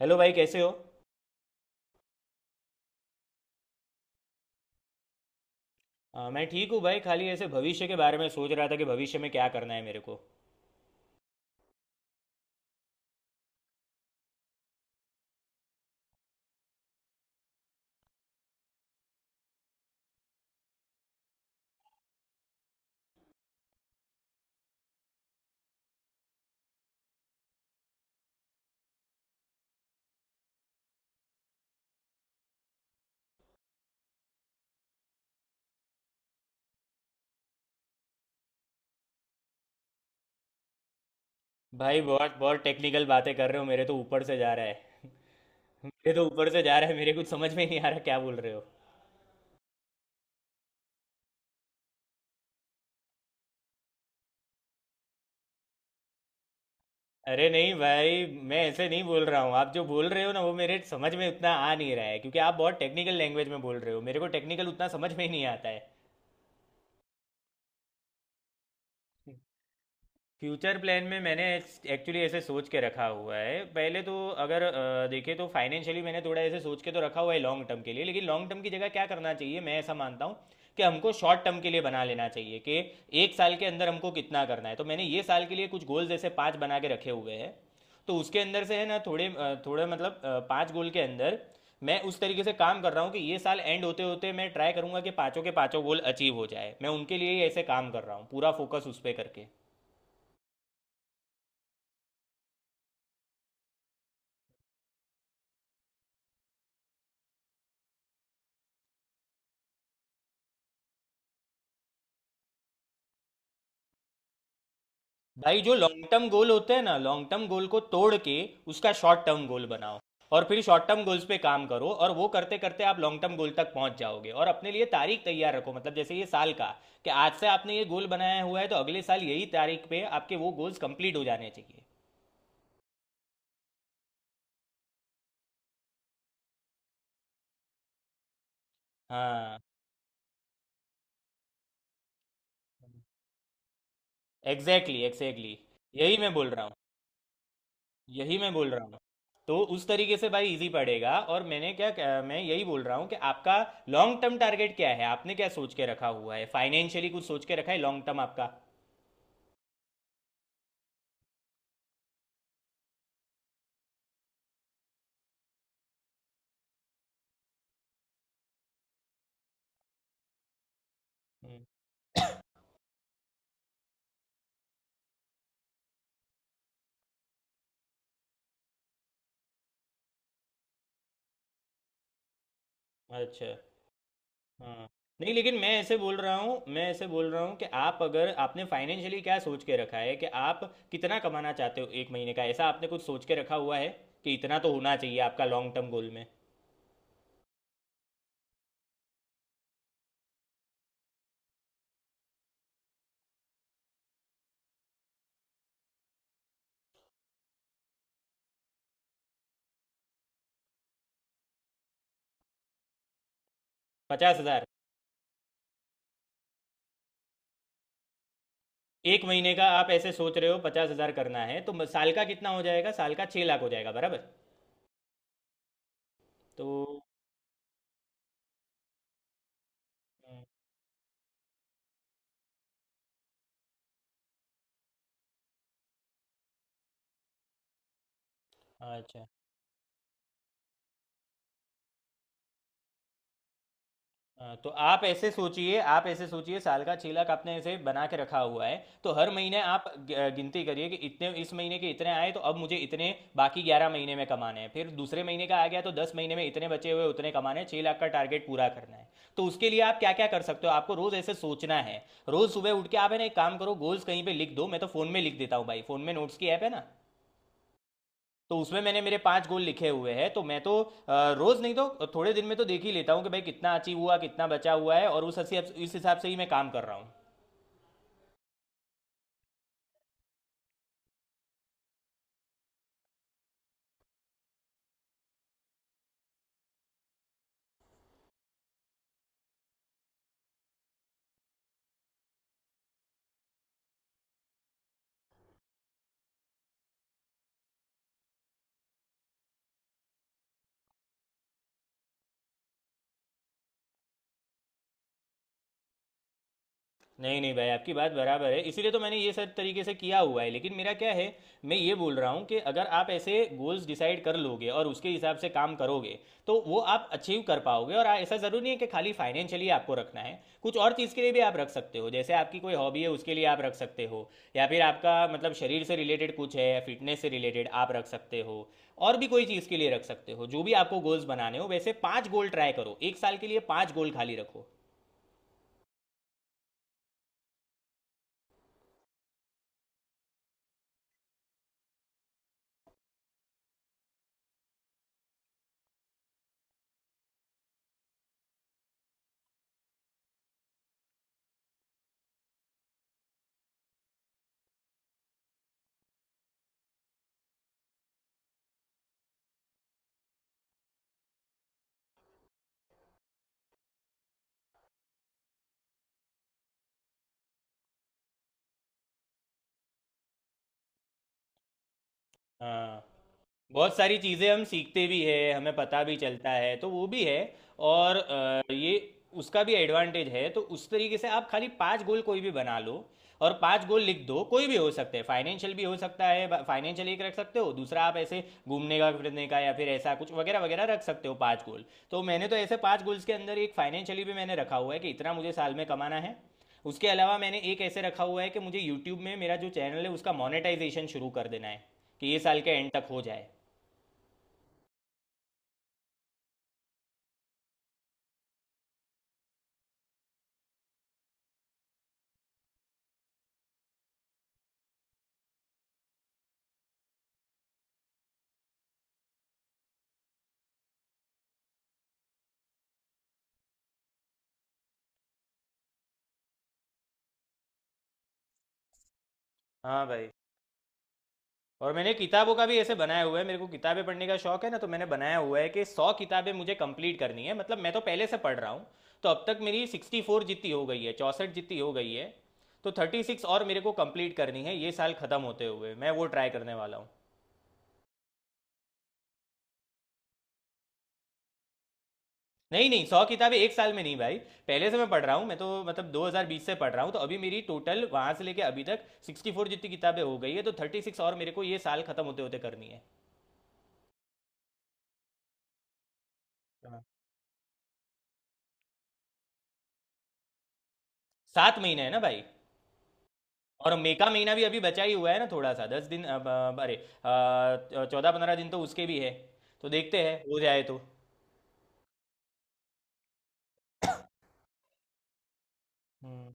Hello भाई, कैसे हो? मैं ठीक हूँ भाई। खाली ऐसे भविष्य के बारे में सोच रहा था कि भविष्य में क्या करना है मेरे को। भाई, बहुत बहुत टेक्निकल बातें कर रहे हो, मेरे तो ऊपर से जा रहा है। मेरे तो ऊपर से जा रहा है, मेरे कुछ समझ में नहीं आ रहा क्या बोल रहे हो। अरे नहीं भाई, मैं ऐसे नहीं बोल रहा हूँ। आप जो बोल रहे हो ना, वो मेरे समझ में उतना आ नहीं रहा है, क्योंकि आप बहुत टेक्निकल लैंग्वेज में बोल रहे हो। मेरे को टेक्निकल उतना समझ में ही नहीं आता है। फ्यूचर प्लान में मैंने एक्चुअली ऐसे सोच के रखा हुआ है। पहले तो, अगर देखें, तो फाइनेंशियली मैंने थोड़ा ऐसे सोच के तो रखा हुआ है लॉन्ग टर्म के लिए, लेकिन लॉन्ग टर्म की जगह क्या करना चाहिए, मैं ऐसा मानता हूँ कि हमको शॉर्ट टर्म के लिए बना लेना चाहिए, कि एक साल के अंदर हमको कितना करना है। तो मैंने ये साल के लिए कुछ गोल जैसे पाँच बना के रखे हुए हैं। तो उसके अंदर से, है ना, थोड़े थोड़े मतलब पाँच गोल के अंदर मैं उस तरीके से काम कर रहा हूँ कि ये साल एंड होते होते मैं ट्राई करूँगा कि पाँचों के पाँचों गोल अचीव हो जाए। मैं उनके लिए ही ऐसे काम कर रहा हूँ, पूरा फोकस उस पर करके। भाई, जो लॉन्ग टर्म गोल होते हैं ना, लॉन्ग टर्म गोल को तोड़ के उसका शॉर्ट टर्म गोल बनाओ, और फिर शॉर्ट टर्म गोल्स पे काम करो, और वो करते करते आप लॉन्ग टर्म गोल तक पहुंच जाओगे। और अपने लिए तारीख तैयार रखो, मतलब जैसे ये साल का, कि आज से आपने ये गोल बनाया हुआ है तो अगले साल यही तारीख पे आपके वो गोल्स कंप्लीट हो जाने चाहिए। हाँ, एग्जैक्टली एग्जैक्टली। यही मैं बोल रहा हूँ। यही मैं बोल रहा हूँ। तो उस तरीके से भाई इजी पड़ेगा। और मैंने क्या क्या- मैं यही बोल रहा हूँ कि आपका लॉन्ग टर्म टारगेट क्या है? आपने क्या सोच के रखा हुआ है? फाइनेंशियली कुछ सोच के रखा है लॉन्ग टर्म आपका? हम्म, अच्छा, हाँ। नहीं, लेकिन मैं ऐसे बोल रहा हूँ, मैं ऐसे बोल रहा हूँ कि आप, अगर आपने फाइनेंशियली क्या सोच के रखा है, कि आप कितना कमाना चाहते हो एक महीने का, ऐसा आपने कुछ सोच के रखा हुआ है कि इतना तो होना चाहिए आपका लॉन्ग टर्म गोल में? 50 हजार? एक महीने का आप ऐसे सोच रहे हो 50 हजार करना है, तो साल का कितना हो जाएगा? साल का 6 लाख हो जाएगा बराबर। तो हम्म, अच्छा, हाँ, तो आप ऐसे सोचिए, आप ऐसे सोचिए, साल का 6 लाख आपने ऐसे बना के रखा हुआ है, तो हर महीने आप गिनती करिए कि इतने इस महीने के इतने आए, तो अब मुझे इतने बाकी 11 महीने में कमाने हैं। फिर दूसरे महीने का आ गया तो 10 महीने में इतने बचे हुए उतने कमाने हैं, 6 लाख का टारगेट पूरा करना है। तो उसके लिए आप क्या क्या कर सकते हो, आपको रोज ऐसे सोचना है। रोज सुबह उठ के आप, है ना, एक काम करो, गोल्स कहीं पे लिख दो। मैं तो फोन में लिख देता हूँ भाई, फोन में नोट्स की ऐप है ना, तो उसमें मैंने मेरे पांच गोल लिखे हुए हैं। तो मैं तो रोज नहीं तो थोड़े दिन में तो देख ही लेता हूँ कि भाई कितना अचीव हुआ, कितना बचा हुआ है, और इस हिसाब से ही मैं काम कर रहा हूँ। नहीं नहीं भाई, आपकी बात बराबर है, इसीलिए तो मैंने ये सब तरीके से किया हुआ है, लेकिन मेरा क्या है, मैं ये बोल रहा हूँ कि अगर आप ऐसे गोल्स डिसाइड कर लोगे और उसके हिसाब से काम करोगे तो वो आप अचीव कर पाओगे। और ऐसा ज़रूरी नहीं है कि खाली फाइनेंशियली आपको रखना है, कुछ और चीज़ के लिए भी आप रख सकते हो। जैसे आपकी कोई हॉबी है उसके लिए आप रख सकते हो, या फिर आपका मतलब शरीर से रिलेटेड कुछ है, फिटनेस से रिलेटेड आप रख सकते हो, और भी कोई चीज़ के लिए रख सकते हो। जो भी आपको गोल्स बनाने हो, वैसे पाँच गोल ट्राई करो, एक साल के लिए पाँच गोल खाली रखो। हाँ, बहुत सारी चीज़ें हम सीखते भी है, हमें पता भी चलता है, तो वो भी है। और ये उसका भी एडवांटेज है। तो उस तरीके से आप खाली पांच गोल कोई भी बना लो, और पांच गोल लिख दो। कोई भी हो सकते हैं, फाइनेंशियल भी हो सकता है, फाइनेंशियल एक रख सकते हो, दूसरा आप ऐसे घूमने का फिरने का या फिर ऐसा कुछ वगैरह वगैरह रख सकते हो, पांच गोल। तो मैंने तो ऐसे पांच गोल्स के अंदर एक फाइनेंशियली भी मैंने रखा हुआ है, कि इतना मुझे साल में कमाना है। उसके अलावा मैंने एक ऐसे रखा हुआ है कि मुझे यूट्यूब में मेरा जो चैनल है उसका मोनेटाइजेशन शुरू कर देना है, कि ये साल के एंड तक हो जाए। हाँ भाई। और मैंने किताबों का भी ऐसे बनाया हुआ है, मेरे को किताबें पढ़ने का शौक है ना, तो मैंने बनाया हुआ है कि 100 किताबें मुझे कंप्लीट करनी है। मतलब मैं तो पहले से पढ़ रहा हूँ, तो अब तक मेरी 64 जितनी हो गई है, 64 जितनी हो गई है। तो 36 और मेरे को कंप्लीट करनी है, ये साल खत्म होते हुए मैं वो ट्राई करने वाला हूँ। नहीं नहीं, सौ किताबें एक साल में नहीं भाई, पहले से मैं पढ़ रहा हूँ, मैं तो मतलब 2020 से पढ़ रहा हूँ। तो अभी मेरी टोटल वहां से लेके अभी तक 64 जितनी किताबें हो गई है, तो 36 और मेरे को ये साल खत्म होते होते करनी है। हाँ, 7 महीने है ना भाई, और मई का महीना भी अभी बचा ही हुआ है ना, थोड़ा सा 10 दिन, अरे 14-15 दिन तो उसके भी है। तो देखते हैं हो जाए तो। हम्म,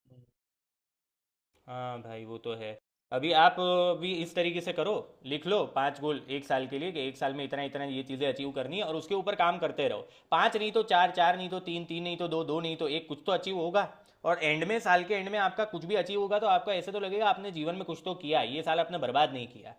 हम्म। हाँ भाई, वो तो है। अभी आप भी इस तरीके से करो, लिख लो पांच गोल एक साल के लिए, कि एक साल में इतना इतना ये चीज़ें अचीव करनी है और उसके ऊपर काम करते रहो। पांच नहीं तो चार, चार नहीं तो तीन, तीन नहीं तो दो, दो नहीं तो एक, कुछ तो अचीव होगा। और एंड में, साल के एंड में आपका कुछ भी अचीव होगा तो आपका ऐसे तो लगेगा आपने जीवन में कुछ तो किया, ये साल आपने बर्बाद नहीं किया।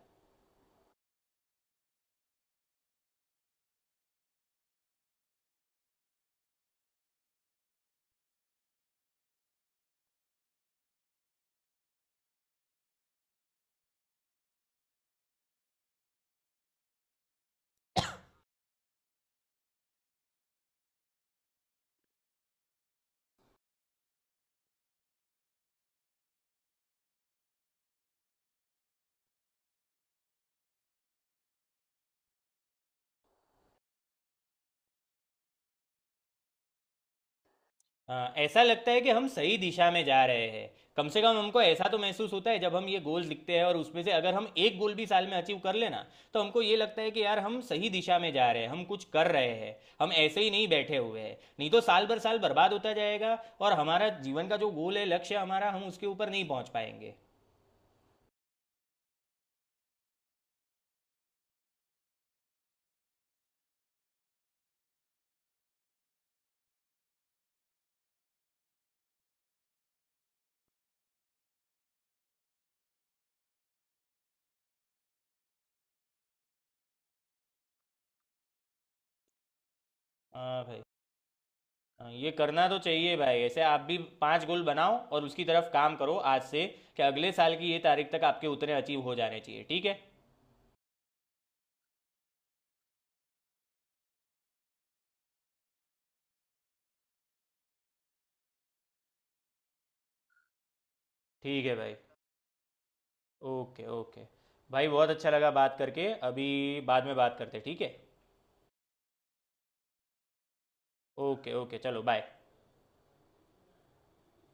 हाँ, ऐसा लगता है कि हम सही दिशा में जा रहे हैं। कम से कम हमको ऐसा तो महसूस होता है जब हम ये गोल लिखते हैं, और उसमें से अगर हम एक गोल भी साल में अचीव कर लेना, तो हमको ये लगता है कि यार हम सही दिशा में जा रहे हैं, हम कुछ कर रहे हैं, हम ऐसे ही नहीं बैठे हुए हैं। नहीं तो साल भर साल बर्बाद होता जाएगा, और हमारा जीवन का जो गोल है, लक्ष्य हमारा, हम उसके ऊपर नहीं पहुंच पाएंगे। हाँ भाई। हाँ, ये करना तो चाहिए भाई। ऐसे आप भी पांच गोल बनाओ और उसकी तरफ काम करो आज से, कि अगले साल की ये तारीख तक आपके उतने अचीव हो जाने चाहिए, ठीक है? ठीक है भाई। Okay okay. भाई बहुत अच्छा लगा बात करके। अभी बाद में बात करते हैं, ठीक है? ओके ओके, चलो बाय।